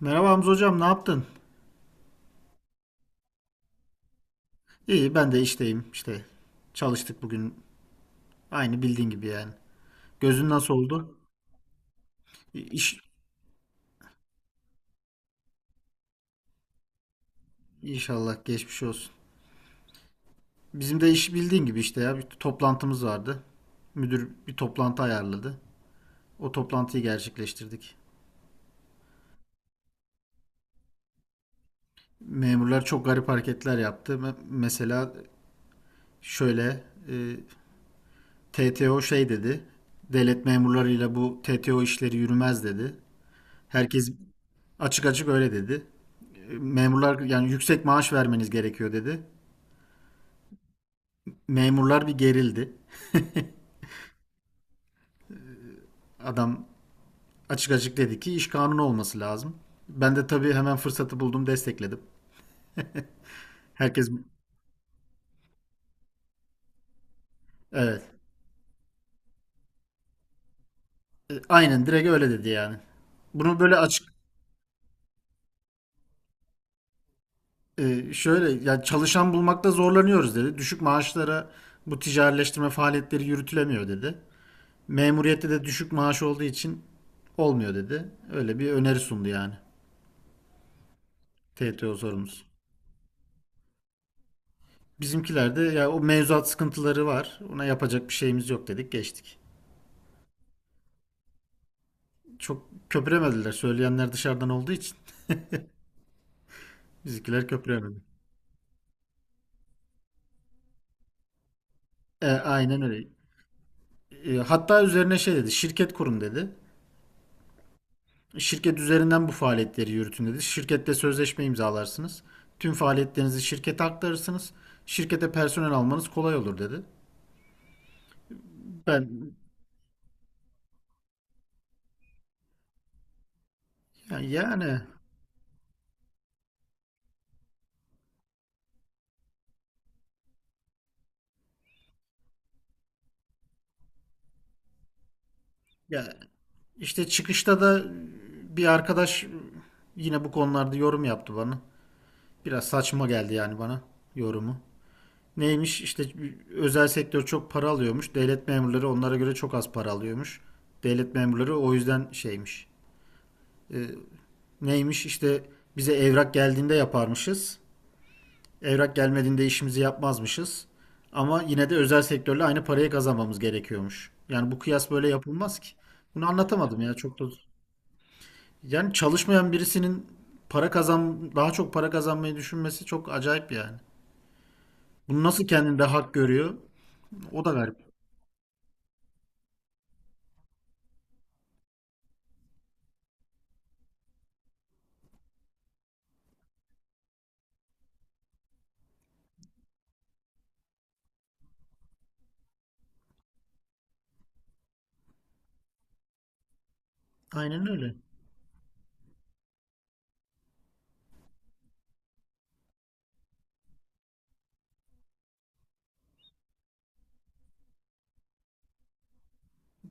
Merhaba Hamza hocam, ne yaptın? İyi, ben de işteyim. İşte çalıştık bugün. Aynı bildiğin gibi yani. Gözün nasıl oldu? İş, inşallah geçmiş olsun. Bizim de iş bildiğin gibi işte ya. Bir toplantımız vardı. Müdür bir toplantı ayarladı. O toplantıyı gerçekleştirdik. Memurlar çok garip hareketler yaptı. Mesela şöyle TTO şey dedi. Devlet memurlarıyla bu TTO işleri yürümez dedi. Herkes açık açık öyle dedi. Memurlar yani yüksek maaş vermeniz gerekiyor dedi. Memurlar bir gerildi. Adam açık açık dedi ki iş kanunu olması lazım. Ben de tabii hemen fırsatı buldum destekledim. Herkes evet. Aynen direkt öyle dedi yani. Bunu böyle açık şöyle ya çalışan bulmakta zorlanıyoruz dedi. Düşük maaşlara bu ticarileştirme faaliyetleri yürütülemiyor dedi. Memuriyette de düşük maaş olduğu için olmuyor dedi. Öyle bir öneri sundu yani. TTO sorumlusu. Bizimkilerde ya o mevzuat sıkıntıları var. Ona yapacak bir şeyimiz yok dedik geçtik. Çok köpüremediler. Söyleyenler dışarıdan olduğu için bizimkiler köpüremedi. Aynen öyle. Hatta üzerine şey dedi. Şirket kurun dedi. Şirket üzerinden bu faaliyetleri yürütün dedi. Şirkette sözleşme imzalarsınız. Tüm faaliyetlerinizi şirkete aktarırsınız. Şirkete personel almanız kolay olur dedi. Ben yani, ya işte çıkışta da bir arkadaş yine bu konularda yorum yaptı bana. Biraz saçma geldi yani bana yorumu. Neymiş işte özel sektör çok para alıyormuş. Devlet memurları onlara göre çok az para alıyormuş. Devlet memurları o yüzden şeymiş. Neymiş işte bize evrak geldiğinde yaparmışız. Evrak gelmediğinde işimizi yapmazmışız. Ama yine de özel sektörle aynı parayı kazanmamız gerekiyormuş. Yani bu kıyas böyle yapılmaz ki. Bunu anlatamadım ya çok da. Yani çalışmayan birisinin para kazan daha çok para kazanmayı düşünmesi çok acayip yani. Bunu nasıl kendinde hak görüyor? O da garip. Aynen öyle.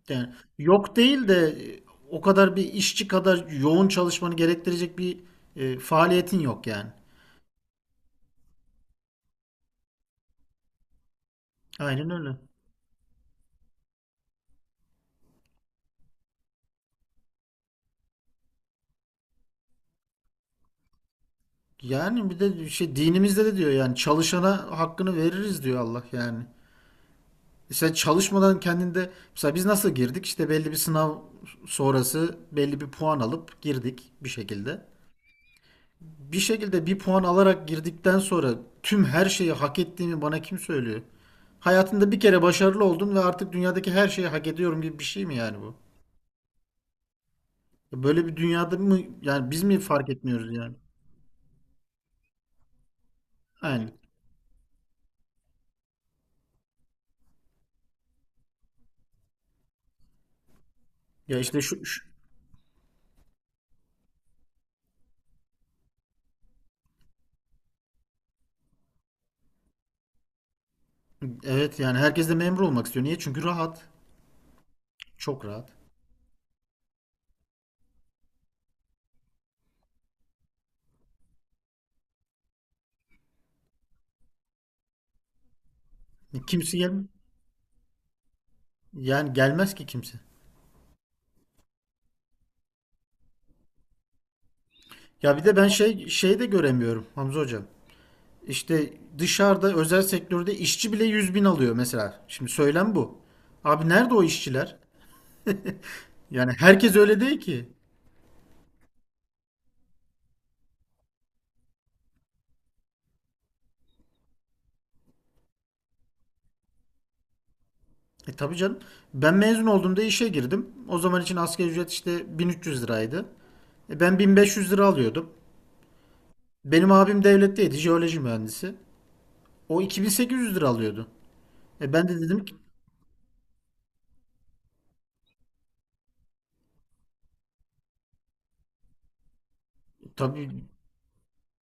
Yani yok değil de e, o kadar bir işçi kadar yoğun çalışmanı gerektirecek bir faaliyetin yok yani. Aynen öyle. Yani bir de şey dinimizde de diyor yani çalışana hakkını veririz diyor Allah yani. E sen çalışmadan kendinde mesela biz nasıl girdik? İşte belli bir sınav sonrası belli bir puan alıp girdik bir şekilde. Bir şekilde bir puan alarak girdikten sonra tüm her şeyi hak ettiğimi bana kim söylüyor? Hayatında bir kere başarılı oldum ve artık dünyadaki her şeyi hak ediyorum gibi bir şey mi yani bu? Ya böyle bir dünyada mı yani biz mi fark etmiyoruz yani? Aynen. Ya işte evet yani herkes de memur olmak istiyor. Niye? Çünkü rahat. Çok rahat. Kimse gel yani gelmez ki kimse. Ya bir de ben şeyi de göremiyorum Hamza hocam. İşte dışarıda özel sektörde işçi bile 100 bin alıyor mesela. Şimdi söylem bu. Abi nerede o işçiler? Yani herkes öyle değil ki. E tabii canım. Ben mezun olduğumda işe girdim. O zaman için asgari ücret işte 1.300 liraydı. E ben 1.500 lira alıyordum. Benim abim devletteydi, jeoloji mühendisi. O 2.800 lira alıyordu. E ben de dedim ki tabii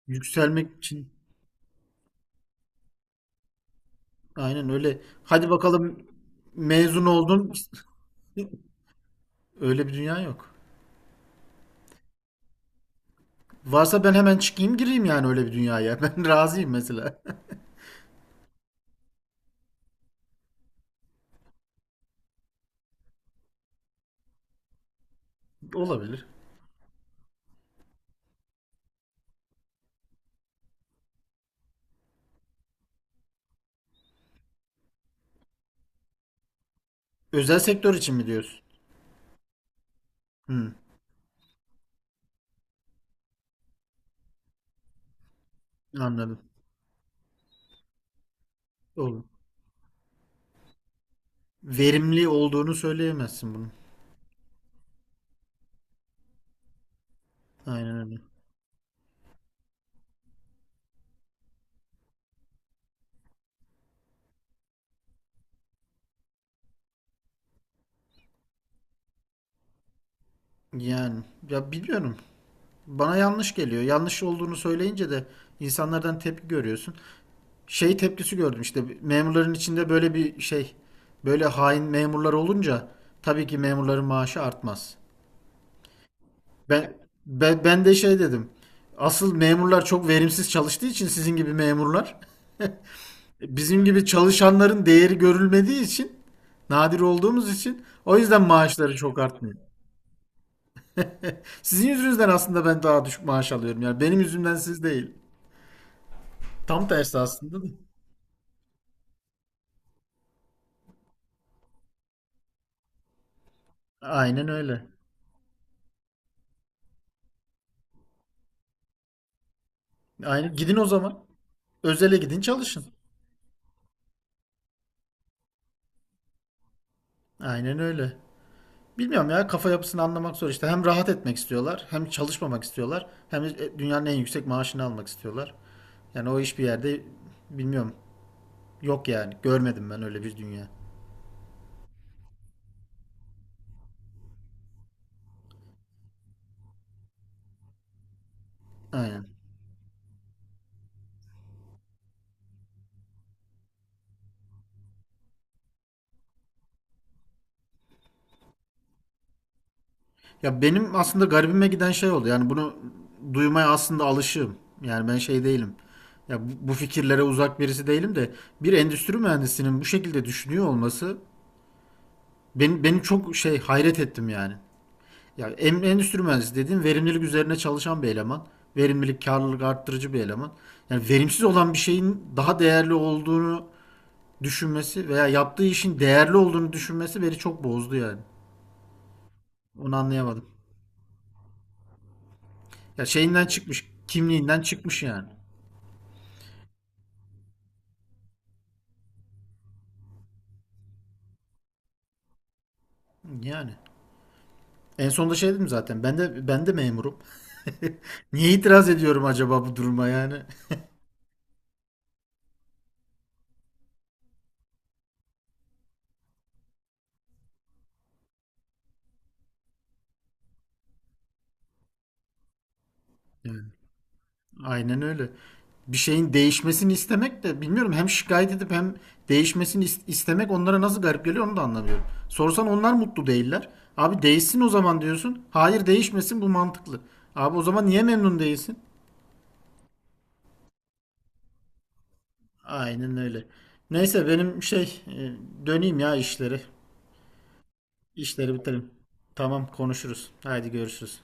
yükselmek için aynen öyle. Hadi bakalım mezun oldun. Öyle bir dünya yok. Varsa ben hemen çıkayım gireyim yani öyle bir dünyaya. Ben razıyım mesela. Olabilir. Özel sektör için mi diyorsun? Hı, anladım. Olur. Verimli olduğunu söyleyemezsin bunun. Aynen öyle. Yani ya biliyorum bana yanlış geliyor. Yanlış olduğunu söyleyince de insanlardan tepki görüyorsun. Şey tepkisi gördüm işte memurların içinde böyle bir şey, böyle hain memurlar olunca tabii ki memurların maaşı artmaz. Ben, ben de şey dedim. Asıl memurlar çok verimsiz çalıştığı için sizin gibi memurlar, bizim gibi çalışanların değeri görülmediği için nadir olduğumuz için o yüzden maaşları çok artmıyor. Sizin yüzünüzden aslında ben daha düşük maaş alıyorum. Yani benim yüzümden siz değil. Tam tersi aslında. Da. Aynen öyle. Aynen. Gidin o zaman. Özele gidin çalışın. Aynen öyle. Bilmiyorum ya kafa yapısını anlamak zor işte. Hem rahat etmek istiyorlar, hem çalışmamak istiyorlar, hem de dünyanın en yüksek maaşını almak istiyorlar. Yani o iş bir yerde bilmiyorum. Yok yani. Görmedim ben öyle bir dünya. Aynen. Ya benim aslında garibime giden şey oldu. Yani bunu duymaya aslında alışığım. Yani ben şey değilim. Ya bu fikirlere uzak birisi değilim de bir endüstri mühendisinin bu şekilde düşünüyor olması beni çok şey hayret ettim yani. Ya endüstri mühendisi dediğin verimlilik üzerine çalışan bir eleman. Verimlilik, karlılık arttırıcı bir eleman. Yani verimsiz olan bir şeyin daha değerli olduğunu düşünmesi veya yaptığı işin değerli olduğunu düşünmesi beni çok bozdu yani. Onu anlayamadım. Ya şeyinden çıkmış, kimliğinden çıkmış yani. Yani. En sonunda şey dedim zaten. Ben de memurum. Niye itiraz ediyorum acaba bu duruma yani? Ya aynen öyle. Bir şeyin değişmesini istemek de bilmiyorum hem şikayet edip hem değişmesini istemek onlara nasıl garip geliyor onu da anlamıyorum. Sorsan onlar mutlu değiller. Abi değişsin o zaman diyorsun. Hayır değişmesin bu mantıklı. Abi o zaman niye memnun değilsin? Aynen öyle. Neyse benim şey döneyim ya işleri. İşleri bitirelim. Tamam konuşuruz. Haydi görüşürüz.